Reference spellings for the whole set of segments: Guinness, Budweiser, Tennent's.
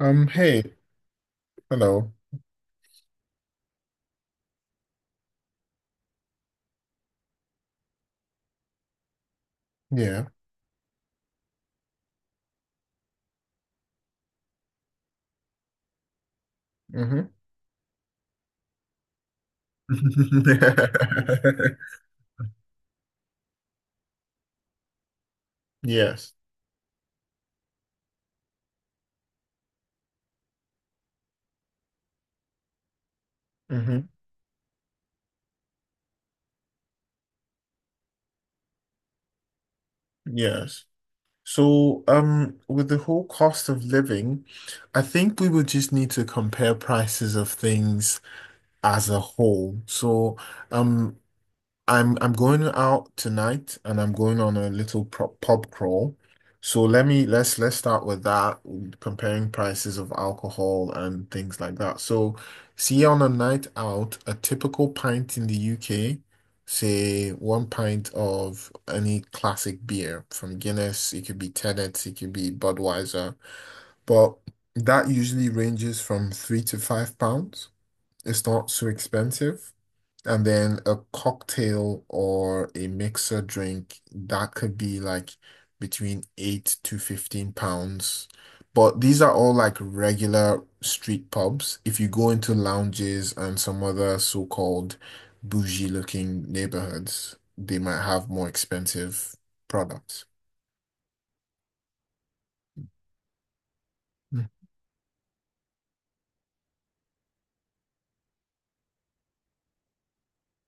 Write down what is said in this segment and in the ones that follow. Hey, hello. Yeah. Mm-hmm. Yes. Mm-hmm. Yes. So, with the whole cost of living, I think we would just need to compare prices of things as a whole. So, um, I'm going out tonight and I'm going on a little pub crawl. So let me let's start with that, comparing prices of alcohol and things like that. So see, on a night out, a typical pint in the UK, say one pint of any classic beer, from Guinness, it could be Tennent's, it could be Budweiser, but that usually ranges from £3 to £5. It's not so expensive. And then a cocktail or a mixer drink, that could be like between £8 to £15. But these are all like regular street pubs. If you go into lounges and some other so-called bougie looking neighborhoods, they might have more expensive products.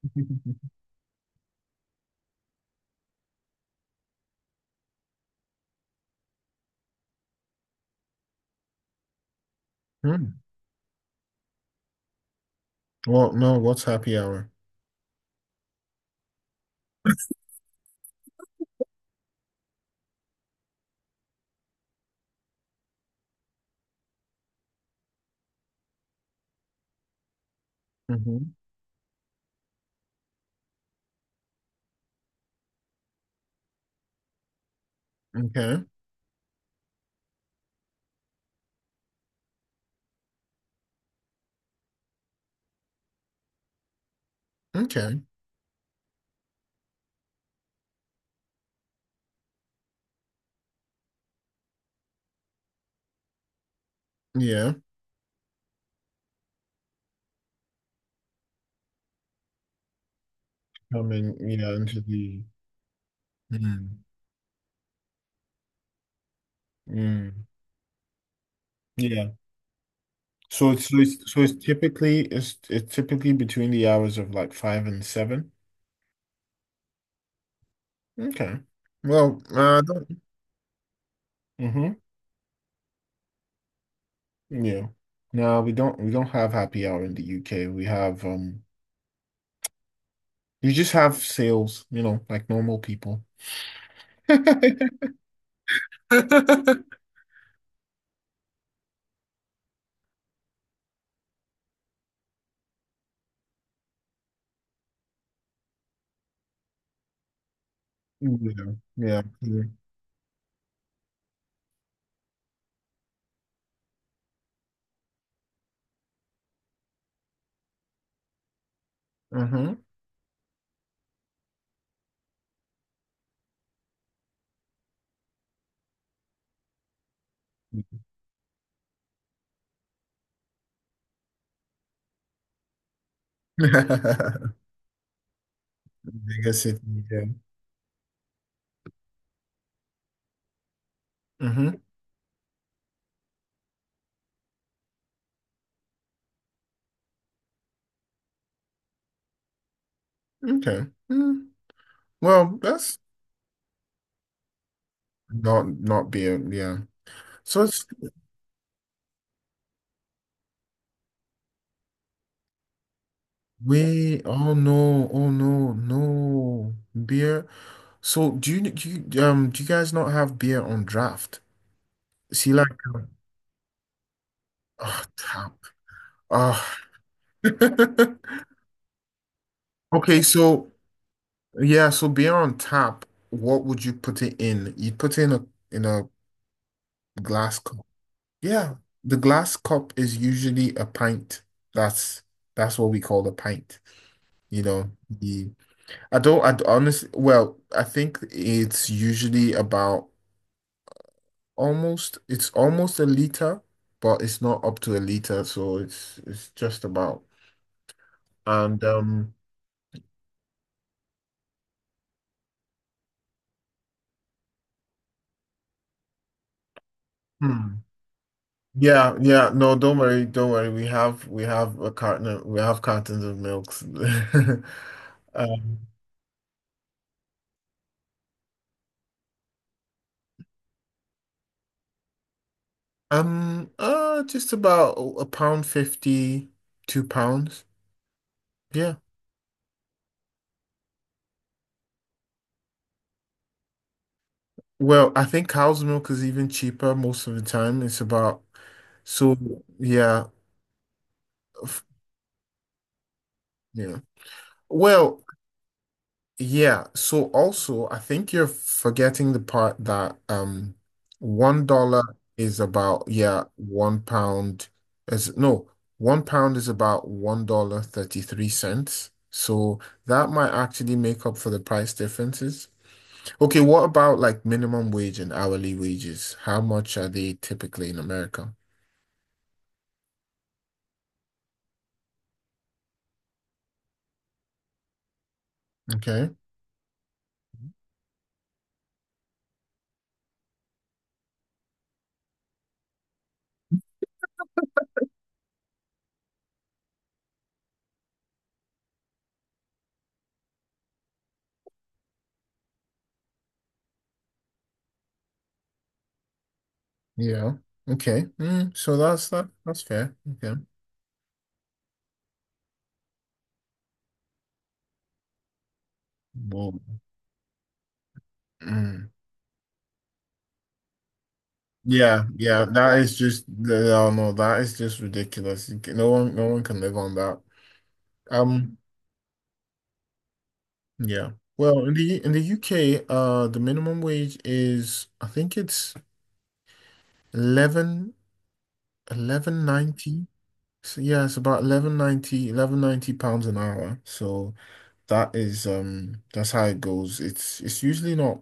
Hmm. Well, no, what's happy hour? Hmm. Okay. Okay. Yeah. Coming, yeah, into the. Mm. Mm. Yeah. So it's typically, it's typically between the hours of like five and seven. Okay. Well, don't. Mm-hmm. Yeah. No, we don't have happy hour in the UK. We have, you just have sales, like normal people. Yeah. Yeah. Yeah. Uh-huh. Bigger city, yeah. Mm-hmm. Okay. Mm. Well, that's not, not beer, yeah. So it's... Wait, oh no, oh no, no. Beer. So do you do you guys not have beer on draft? See, like um, oh, tap. Oh. Okay, so yeah, so beer on tap, what would you put it in? You put it in a glass cup. Yeah. The glass cup is usually a pint. That's that's what we call a pint. You know, the, I don't, I honestly, well, I think it's usually about, almost a liter, but it's not up to a liter, so it's just about. And hmm. Yeah, yeah, no, don't worry, don't worry. We have a carton, we have cartons of milks. Um, just about a pound fifty, £2. Yeah. Well, I think cow's milk is even cheaper most of the time. It's about, so yeah, f- yeah. Well, yeah, so also I think you're forgetting the part that $1 is about, yeah, £1 is, no, £1 is about $1.33. So that might actually make up for the price differences. Okay, what about like minimum wage and hourly wages? How much are they typically in America? Okay. Yeah. Okay. Mm, so that's fair. Okay. Whoa. Mm. Yeah, yeah, that is just no, no, that is just ridiculous. No one, no one can live on that. Um, yeah. Well, in the UK, the minimum wage is, I think, it's eleven eleven ninety. So yeah, it's about eleven ninety eleven ninety pounds an hour. So that's how it goes. It's usually not,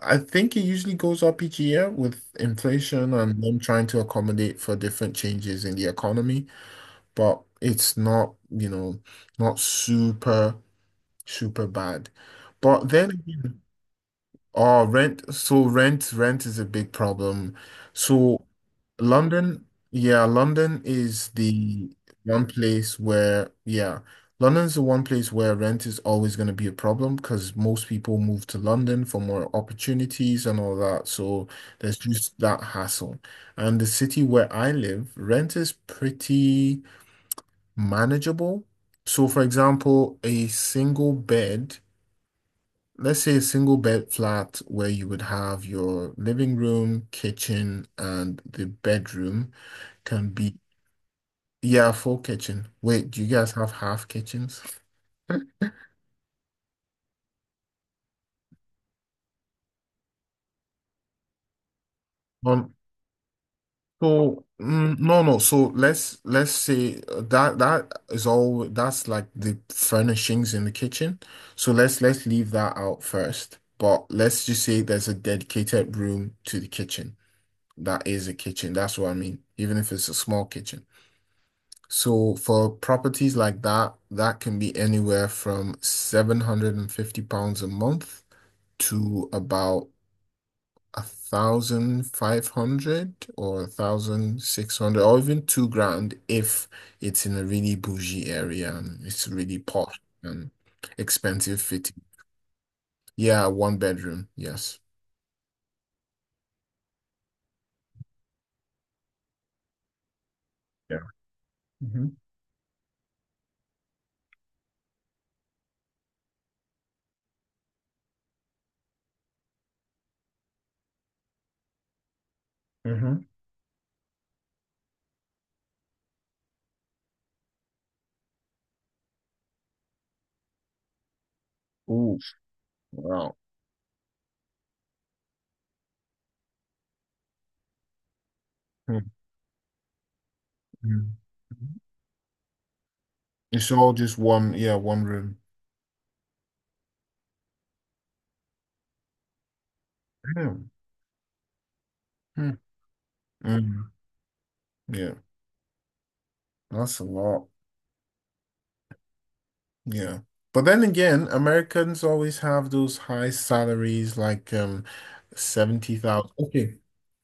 I think it usually goes up each year with inflation and them trying to accommodate for different changes in the economy. But it's not, not super, super bad. But then again, oh, rent. So rent is a big problem. So London, yeah, London is the one place where, yeah, London's the one place where rent is always going to be a problem, because most people move to London for more opportunities and all that. So there's just that hassle. And the city where I live, rent is pretty manageable. So, for example, a single bed, let's say a single bed flat where you would have your living room, kitchen, and the bedroom, can be, yeah, full kitchen. Wait, do you guys have half kitchens? Um, so, mm, no, no. So let's say, that that is all. That's like the furnishings in the kitchen. So let's leave that out first. But let's just say there's a dedicated room to the kitchen, that is a kitchen. That's what I mean, even if it's a small kitchen. So for properties like that, that can be anywhere from £750 a month to about 1,500 or 1,600, or even 2 grand if it's in a really bougie area and it's really posh and expensive fitting. Yeah, one bedroom, yes. Yeah. Mm-hmm. Mm-hmm. Ooh, wow. Mhm. It's all just one, yeah, one room. Yeah. Hmm. Mm. Yeah, that's a lot. Yeah. But then again, Americans always have those high salaries, like 70,000. Okay.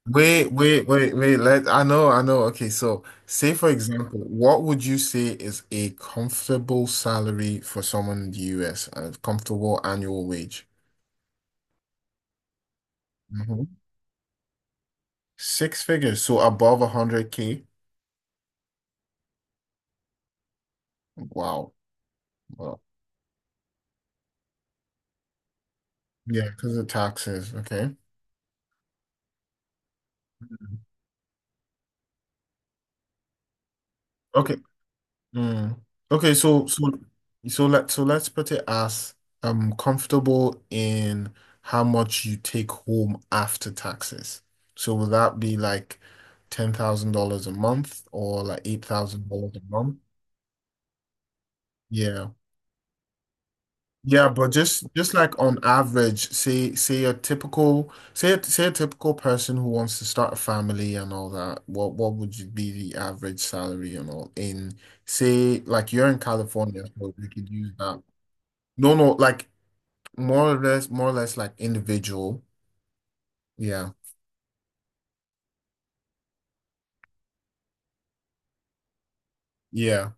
Wait, wait, wait, wait. Let I know, I know. Okay, so say for example, what would you say is a comfortable salary for someone in the US, a comfortable annual wage? Hmm. Six figures, so above 100K. Wow. Wow. Well, yeah, because of taxes. Okay. Mm-hmm. Okay. Mm. Okay, so let's put it as comfortable in how much you take home after taxes. So will that be like $10,000 a month, or like $8,000 a month? Yeah. Yeah, but just like on average, say a typical person who wants to start a family and all that, what would you be the average salary and all in, say, like you're in California, so we could use that. No, no, like more or less like individual. Yeah. Yeah.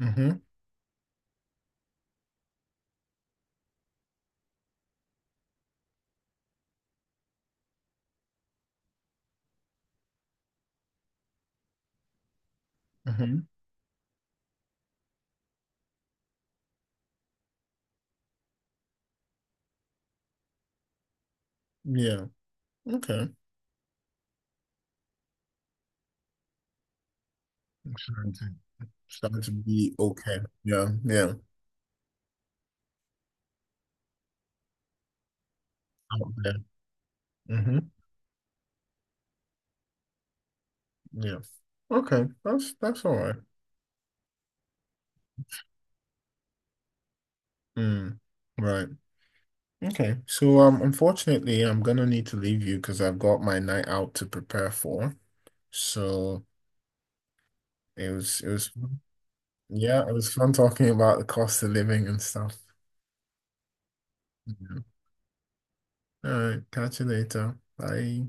Mm-hmm. Mm-hmm. Yeah. Okay. I'm starting to be okay. Yeah. Yeah. Out there. Mm-hmm. Yeah. Okay. That's all right. Mm, right. Okay. So, unfortunately I'm gonna need to leave you, because I've got my night out to prepare for. So it was, yeah, it was fun talking about the cost of living and stuff. Yeah. All right, catch you later. Bye.